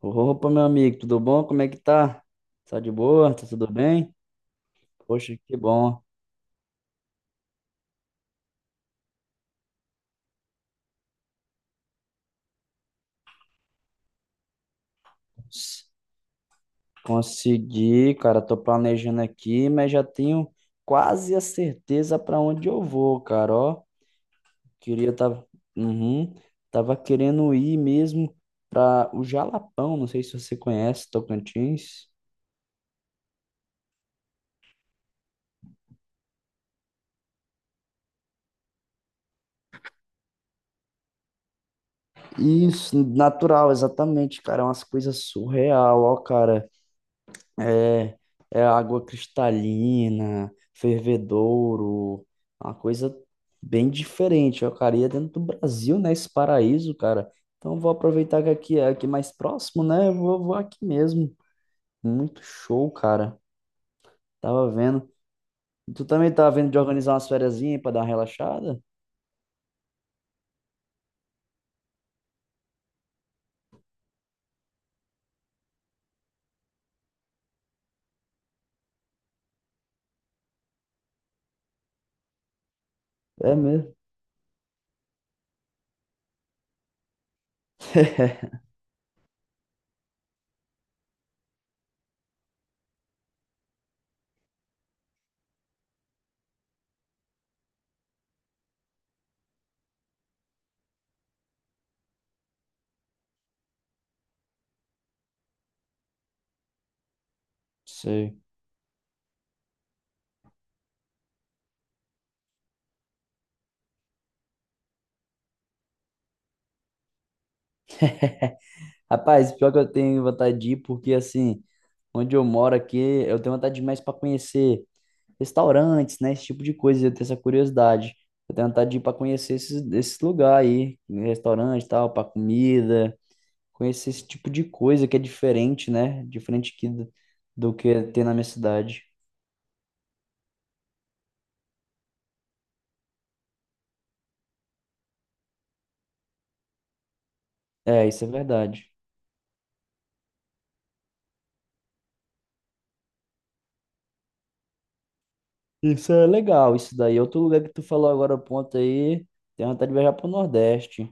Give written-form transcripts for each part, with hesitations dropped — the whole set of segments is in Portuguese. Opa, meu amigo, tudo bom? Como é que tá? Tá de boa? Tá tudo bem? Poxa, que bom. Consegui, cara. Tô planejando aqui, mas já tenho quase a certeza para onde eu vou, cara. Ó, queria tava, uhum, tava querendo ir mesmo para o Jalapão. Não sei se você conhece Tocantins. Isso, natural, exatamente, cara. É umas coisas surreal, ó, cara. É, é água cristalina, fervedouro, uma coisa bem diferente. Eu queria dentro do Brasil, né? Esse paraíso, cara. Então vou aproveitar que aqui é aqui mais próximo, né? Eu vou aqui mesmo. Muito show, cara. Tava vendo. Tu também tava vendo de organizar umas fériasinhas pra dar uma relaxada? É mesmo. Sei. Rapaz, pior que eu tenho vontade de ir, porque assim, onde eu moro aqui, eu tenho vontade de mais para conhecer restaurantes, né? Esse tipo de coisa, eu tenho essa curiosidade. Eu tenho vontade de ir para conhecer esses lugares aí, restaurante e tal, para comida, conhecer esse tipo de coisa que é diferente, né? Diferente que, do que tem na minha cidade. É, isso é verdade. Isso é legal, isso daí. Outro lugar que tu falou agora, ponto aí, tenho vontade de viajar pro Nordeste.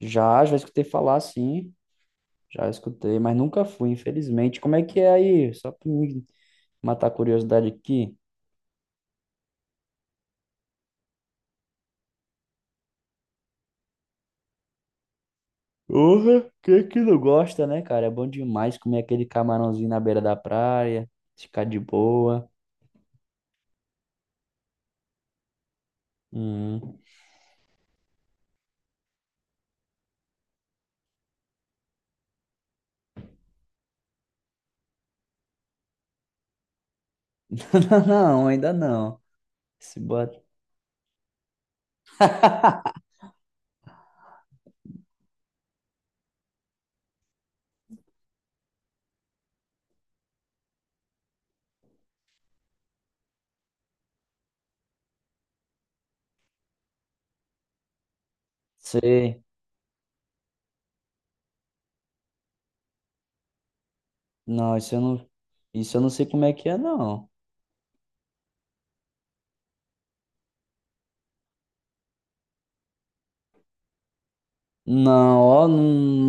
Já, já escutei falar, sim. Já escutei, mas nunca fui, infelizmente. Como é que é aí? Só pra me matar a curiosidade aqui. Porra, quem que não gosta, né, cara? É bom demais comer aquele camarãozinho na beira da praia, ficar de boa. Hum. Não, ainda não. Se bota. Sei. Não, isso eu não. Isso eu não sei como é que é, não. Não, ó, não,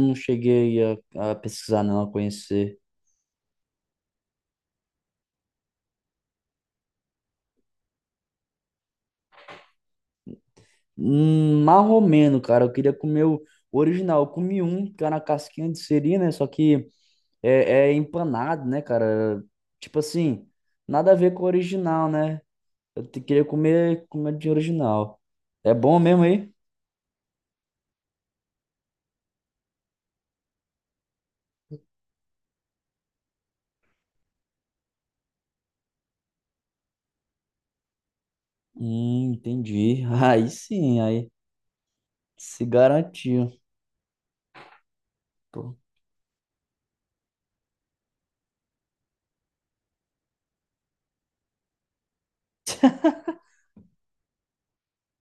não cheguei a pesquisar, não, a conhecer. Marromeno, cara. Eu queria comer o original. Eu comi um, que era na casquinha de siri, né? Só que é empanado, né, cara? Tipo assim, nada a ver com o original, né? Queria comer comidinha original. É bom mesmo aí? Entendi. Aí sim, aí se garantiu. Pô,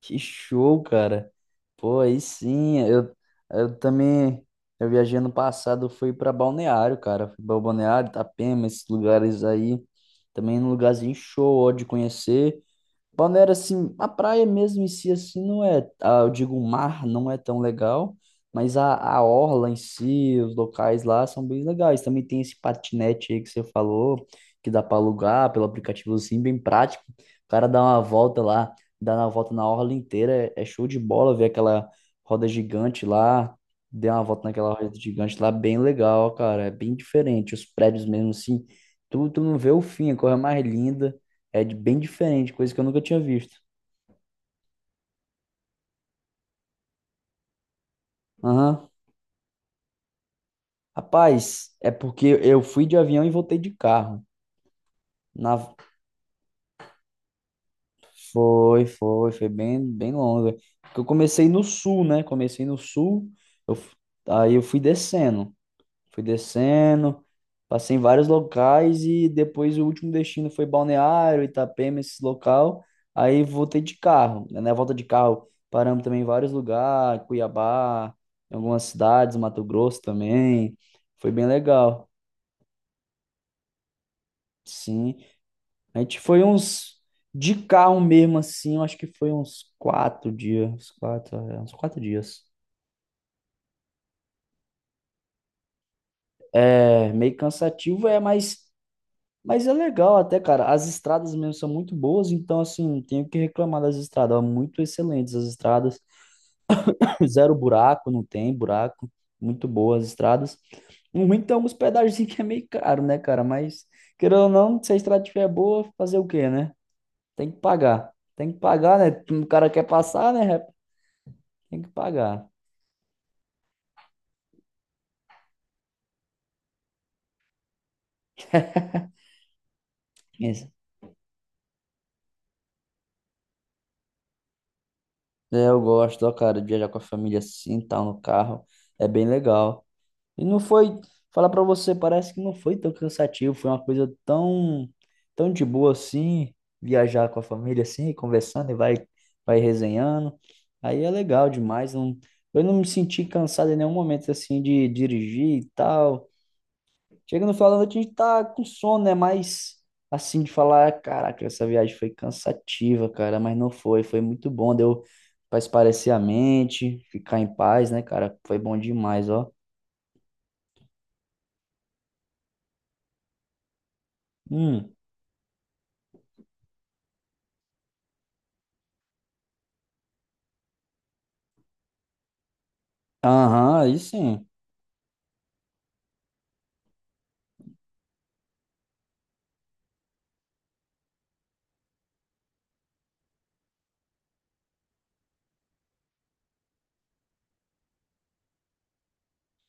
que show, cara. Pô, aí sim. Eu também. Eu viajei ano passado, eu fui pra Balneário, cara. Fui pra Balneário, Itapema, esses lugares aí. Também um lugarzinho show, ó, de conhecer. Balneário, assim, a praia mesmo em si, assim, não é, ah, eu digo, o mar não é tão legal, mas a orla em si, os locais lá são bem legais. Também tem esse patinete aí que você falou, que dá para alugar pelo aplicativo, assim, bem prático. O cara dá uma volta lá, dá uma volta na orla inteira, é show de bola ver aquela roda gigante lá, deu uma volta naquela roda gigante lá, bem legal, cara, é bem diferente. Os prédios mesmo, assim, tu não vê o fim, a coisa mais linda. Bem diferente, coisa que eu nunca tinha visto. Aham. Rapaz, é porque eu fui de avião e voltei de carro. Na... Foi bem, bem longa. Porque eu comecei no sul, né? Comecei no sul, eu... Aí eu fui descendo. Fui descendo, passei em vários locais e depois o último destino foi Balneário, Itapema, esse local. Aí voltei de carro. Na volta de carro, paramos também em vários lugares, Cuiabá, em algumas cidades, Mato Grosso também. Foi bem legal. Sim. A gente foi uns. De carro mesmo, assim, eu acho que foi uns 4 dias. Uns quatro, é, uns 4 dias. É, meio cansativo, é, mas é legal até, cara. As estradas mesmo são muito boas, então, assim, não tenho o que reclamar das estradas. Ó, muito excelentes as estradas. Zero buraco, não tem buraco. Muito boas as estradas. O ruim tem alguns pedaços que é meio caro, né, cara? Mas, querendo ou não, se a estrada estiver boa, fazer o quê, né? Tem que pagar. Tem que pagar, né? O cara quer passar, né? Tem que pagar. Isso. É, eu gosto, ó, cara, de viajar com a família assim, tal, no carro. É bem legal. E não foi, falar pra você, parece que não foi tão cansativo, foi uma coisa tão, tão de boa assim, viajar com a família assim, conversando e vai, resenhando. Aí é legal demais, não, eu não me senti cansado em nenhum momento assim de dirigir e tal. Chega no final da noite a gente tá com sono, né? Mas assim de falar, caraca, essa viagem foi cansativa, cara, mas não foi, foi muito bom, deu pra espairecer a mente, ficar em paz, né, cara? Foi bom demais, ó. Hum. Aham, aí sim.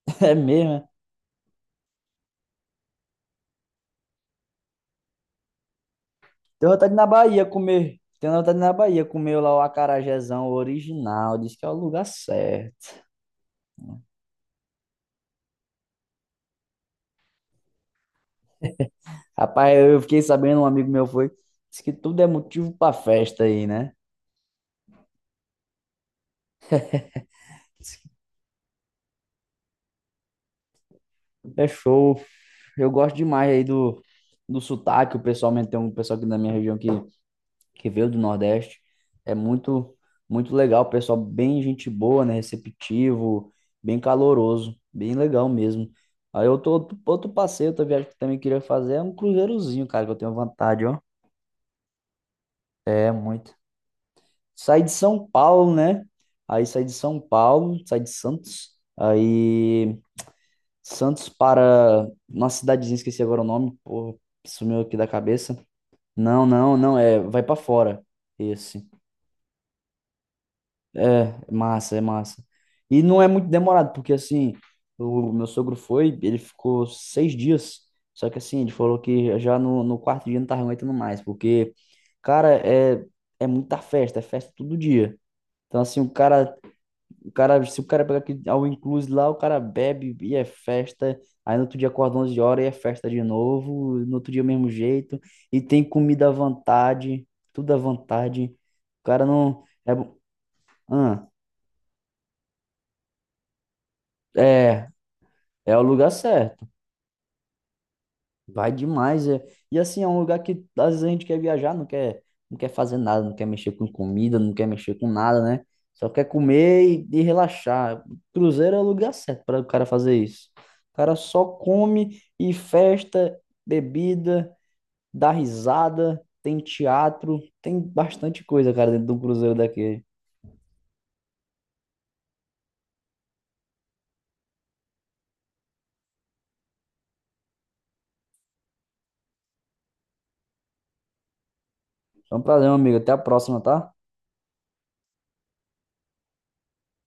É mesmo, é. Tenho vontade de ir na Bahia comer. Tenho vontade de ir na Bahia comer lá o acarajézão original. Diz que é o lugar certo. Rapaz, eu fiquei sabendo, um amigo meu foi. Diz que tudo é motivo pra festa aí, né? Diz que tudo é show. Eu gosto demais aí do, sotaque. O pessoal tem um pessoal aqui na minha região que veio do Nordeste. É muito, muito legal, pessoal, bem gente boa, né? Receptivo, bem caloroso, bem legal mesmo. Aí eu tô, outro passeio, outra viagem que eu também queria fazer é um cruzeirozinho, cara, que eu tenho vontade, ó. É muito. Saí de São Paulo, né? Aí saí de São Paulo, saí de Santos, aí Santos para uma cidadezinha, esqueci agora o nome, pô, sumiu aqui da cabeça. Não, não, não, é, vai para fora. Esse. É, é massa, é massa. E não é muito demorado, porque assim, o meu sogro foi, ele ficou 6 dias, só que assim, ele falou que já no, quarto dia não tava aguentando mais, porque, cara, é muita festa, é festa todo dia. Então assim, o cara, se o cara pegar aqui ao inclusive lá, o cara bebe e é festa, aí no outro dia acorda 11 horas e é festa de novo, no outro dia o mesmo jeito, e tem comida à vontade, tudo à vontade. O cara não... É, ah. É, É o lugar certo. Vai demais. É. E assim, é um lugar que às vezes a gente quer viajar, não quer, não quer fazer nada, não quer mexer com comida, não quer mexer com nada, né? Só quer comer e relaxar. Cruzeiro é o lugar certo para o cara fazer isso. O cara só come e festa, bebida, dá risada, tem teatro, tem bastante coisa, cara, dentro de um cruzeiro daquele. Foi um prazer, meu amigo. Até a próxima, tá?